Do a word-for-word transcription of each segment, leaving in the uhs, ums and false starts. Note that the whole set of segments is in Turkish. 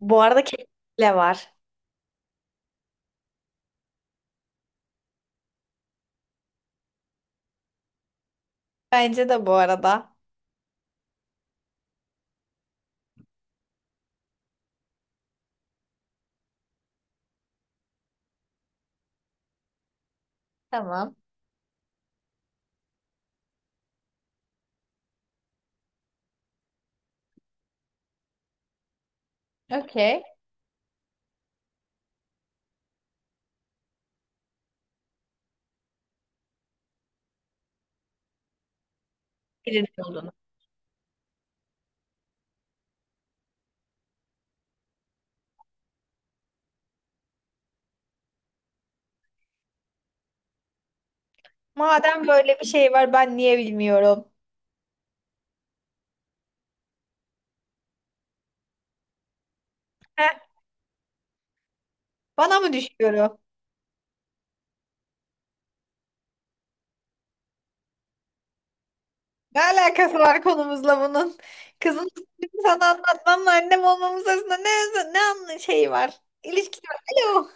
Bu arada kesinlikle var. Bence de bu arada. Tamam. Okey. Madem böyle bir şey var ben niye bilmiyorum? Heh, bana mı düşüyorum? Ne alakası var konumuzla bunun? Kızım, sana anlatmamla annem olmamız arasında ne, ne anla- şey var? İlişki var. Alo.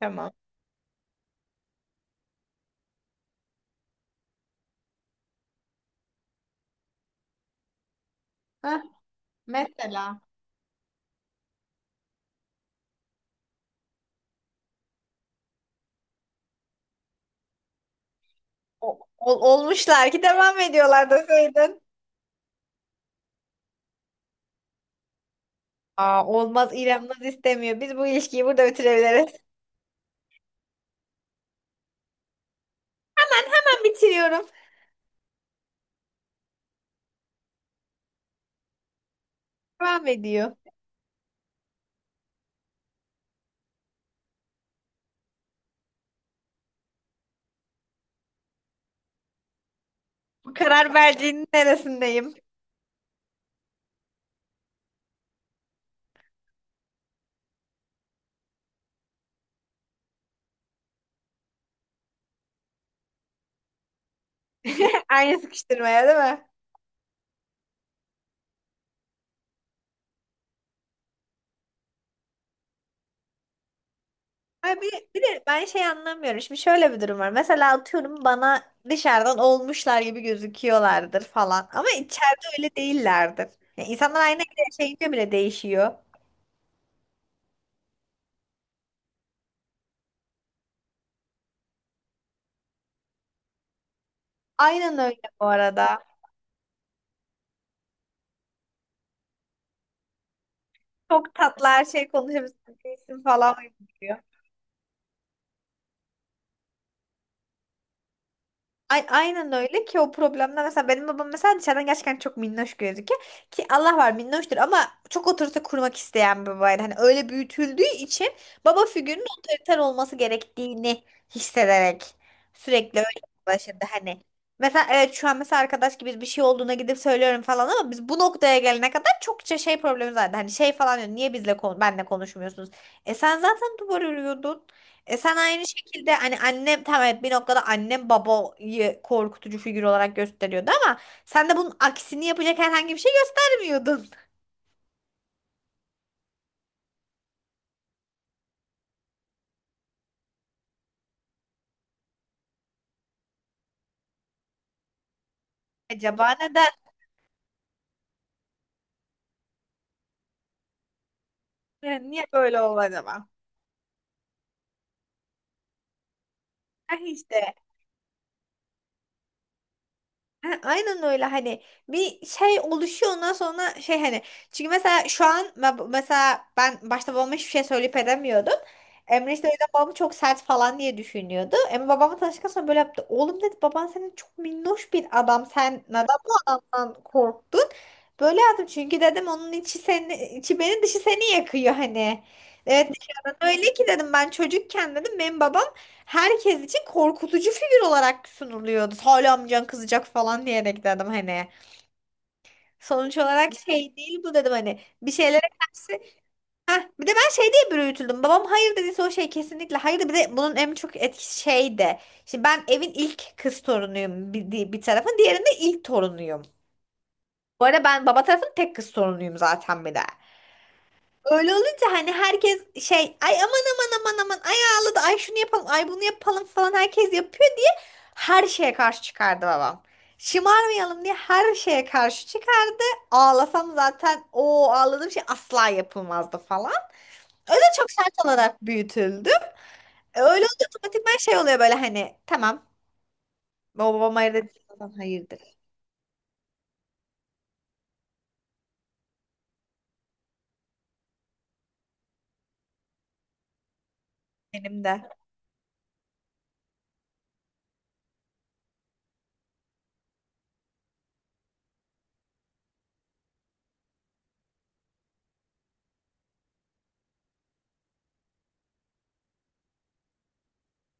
Tamam. Hah, mesela. O- ol- olmuşlar ki devam ediyorlar deseydin. Aa, olmaz, İrem Naz istemiyor. Biz bu ilişkiyi burada bitirebiliriz. Hemen bitiriyorum. Devam ediyor. Bu karar verdiğinin neresindeyim? Aynı sıkıştırmaya değil mi? Ay, bir, bir de ben şey anlamıyorum. Şimdi şöyle bir durum var. Mesela atıyorum, bana dışarıdan olmuşlar gibi gözüküyorlardır falan. Ama içeride öyle değillerdir. Yani insanlar aynı evde yaşayınca bile değişiyor. Aynen öyle bu arada. Çok tatlı her şey konuşuyorsun falan. Ay- aynen öyle ki, o problemler mesela. Benim babam mesela dışarıdan gerçekten çok minnoş gözüküyor ki Allah var minnoştur, ama çok otorite kurmak isteyen bir babaydı. Hani öyle büyütüldüğü için baba figürünün otoriter olması gerektiğini hissederek sürekli öyle başladı hani. Mesela evet, şu an mesela arkadaş gibi bir şey olduğuna gidip söylüyorum falan, ama biz bu noktaya gelene kadar çokça şey problemi vardı. Hani şey falan diyor, niye bizle kon benle konuşmuyorsunuz? E sen zaten duvar örüyordun. E sen aynı şekilde hani, annem tamam evet, bir noktada annem babayı korkutucu figür olarak gösteriyordu, ama sen de bunun aksini yapacak herhangi bir şey göstermiyordun. Acaba neden? Niye böyle oldu acaba? Ha işte. Ha, aynen öyle hani, bir şey oluşuyor ondan sonra şey hani, çünkü mesela şu an me- mesela ben başta babama hiçbir şey söyleyip edemiyordum. Emre işte o yüzden babamı çok sert falan diye düşünüyordu. Emre babamla tanıştıktan sonra böyle yaptı. Oğlum dedi, baban senin çok minnoş bir adam. Sen neden bu adamdan korktun? Böyle yaptım çünkü dedim, onun içi seni, içi beni dışı seni yakıyor hani. Evet, dışarıdan öyle ki dedim, ben çocukken dedim benim babam herkes için korkutucu figür olarak sunuluyordu. Hala amcan kızacak falan diyerek dedim hani. Sonuç olarak şey değil bu dedim hani. Bir şeylere karşı. Heh, bir de ben şey diye bir öğütüldüm. Babam hayır dediyse o şey kesinlikle hayır, bir de bunun en çok etkisi şey de. Şimdi ben evin ilk kız torunuyum bir, bir tarafın. Diğerinde ilk torunuyum. Bu arada ben baba tarafın tek kız torunuyum zaten bir de. Öyle olunca hani herkes şey, ay aman aman aman aman, ay ağladı, ay şunu yapalım, ay bunu yapalım falan, herkes yapıyor diye her şeye karşı çıkardı babam. Şımarmayalım diye her şeye karşı çıkardı. Ağlasam zaten o ağladığım şey asla yapılmazdı falan. Öyle çok sert olarak büyütüldü. E, Öyle olunca otomatikman şey oluyor böyle hani, tamam, babam hayır dediysem hayırdır, benim de.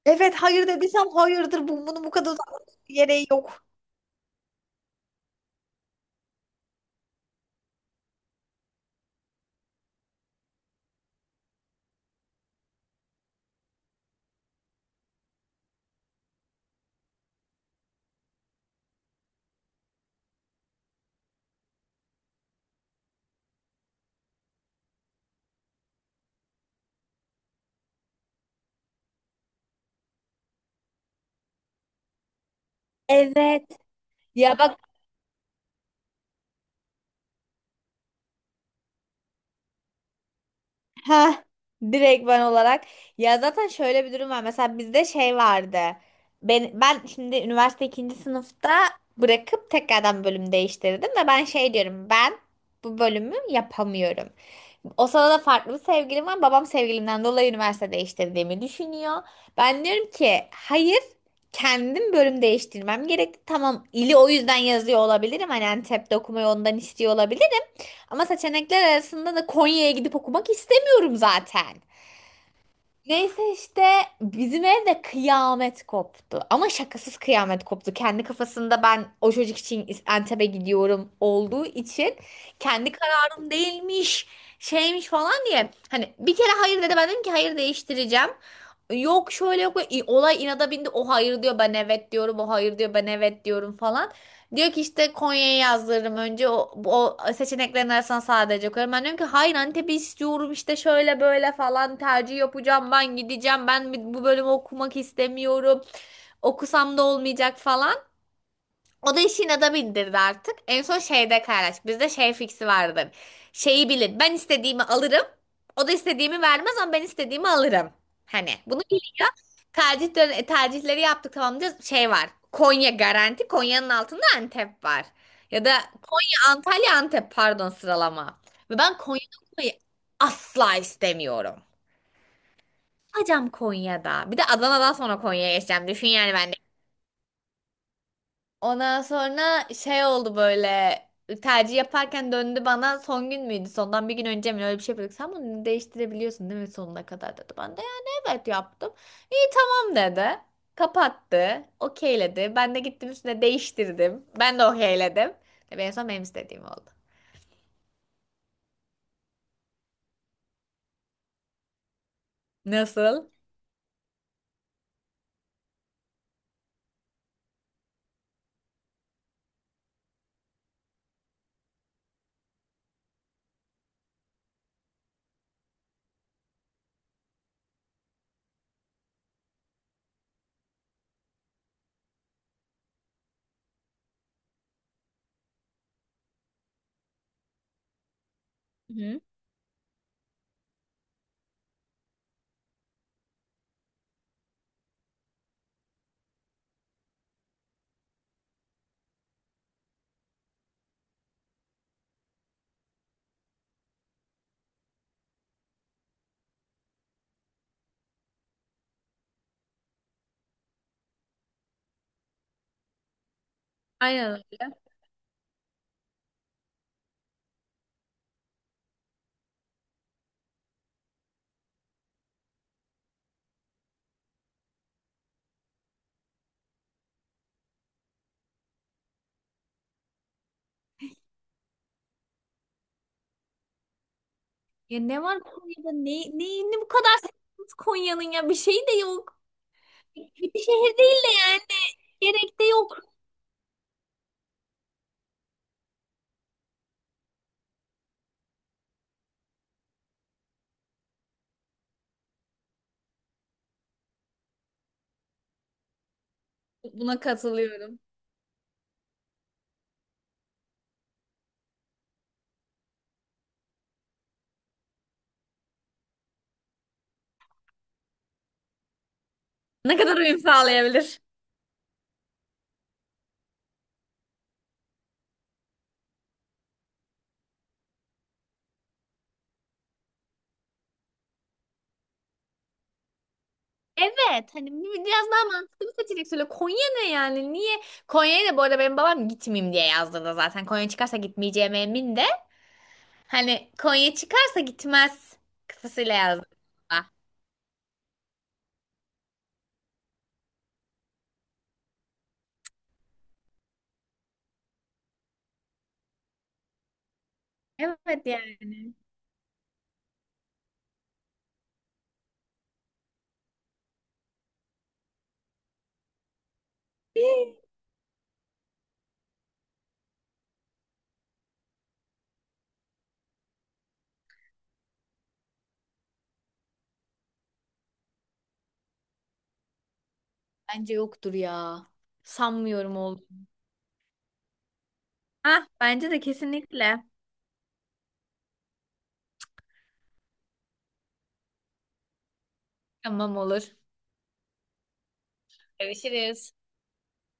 Evet, hayır dediysem hayırdır, bu- bunun bu kadar uzatmanın bir gereği yok. Evet. Ya bak. Ha, direkt ben olarak. Ya zaten şöyle bir durum var. Mesela bizde şey vardı. Ben, ben şimdi üniversite ikinci sınıfta bırakıp tekrardan bölüm değiştirdim ve ben şey diyorum, ben bu bölümü yapamıyorum. O sırada farklı bir sevgilim var. Babam sevgilimden dolayı üniversite değiştirdiğimi düşünüyor. Ben diyorum ki hayır, kendim bölüm değiştirmem gerekti. Tamam, ili o yüzden yazıyor olabilirim. Hani Antep'te okumayı ondan istiyor olabilirim. Ama seçenekler arasında da Konya'ya gidip okumak istemiyorum zaten. Neyse işte, bizim evde kıyamet koptu. Ama şakasız kıyamet koptu. Kendi kafasında ben o çocuk için Antep'e gidiyorum olduğu için, kendi kararım değilmiş, şeymiş falan diye. Hani bir kere hayır dedi, ben dedim ki hayır, değiştireceğim. Yok şöyle, yok böyle. İ- Olay inada bindi. O hayır diyor, ben evet diyorum. O hayır diyor, ben evet diyorum falan. Diyor ki işte, Konya'yı yazdırırım önce, o, o seçeneklerin arasına sadece koyarım. Ben diyorum ki hayır, Antep'i istiyorum işte, şöyle böyle falan, tercih yapacağım, ben gideceğim, ben bu bölümü okumak istemiyorum. Okusam da olmayacak falan. O da işin adamı indirdi artık. En son şeyde paylaştık. Bizde şey fiksi vardır. Şeyi bilin. Ben istediğimi alırım. O da istediğimi vermez, ama ben istediğimi alırım. Hani bunu biliyor. Tercihleri, tercihleri yaptık tamam diyoruz. Şey var. Konya garanti. Konya'nın altında Antep var. Ya da Konya, Antalya, Antep, pardon sıralama. Ve ben Konya'da okumayı asla istemiyorum. Hocam Konya'da. Bir de Adana'dan sonra Konya'ya geçeceğim. Düşün yani ben. Ondan sonra şey oldu böyle, tercih yaparken döndü bana, son gün müydü sondan bir gün önce mi, öyle bir şey yapıyorduk, sen bunu değiştirebiliyorsun değil mi sonuna kadar dedi, ben de yani evet yaptım, iyi tamam dedi, kapattı, okeyledi, ben de gittim üstüne değiştirdim, ben de okeyledim ve en son benim istediğim oldu. Nasıl? Hı. Aynen öyle. Ya ne var Konya'da? Ne, neyini bu kadar seviyorsunuz Konya'nın ya? Bir şey de yok. Gerek- Buna katılıyorum. Ne kadar uyum sağlayabilir? Evet hani, bi- biraz daha mantıklı bir seçenek söyle. Konya ne yani? Niye? Konya'ya da bu arada benim babam gitmeyeyim diye yazdırdı zaten. Konya çıkarsa gitmeyeceğime emin de. Hani Konya çıkarsa gitmez kafasıyla yazdı. Evet yani. Bence yoktur ya. Sanmıyorum, oldu. Ah, bence de kesinlikle. Tamam, olur. Görüşürüz.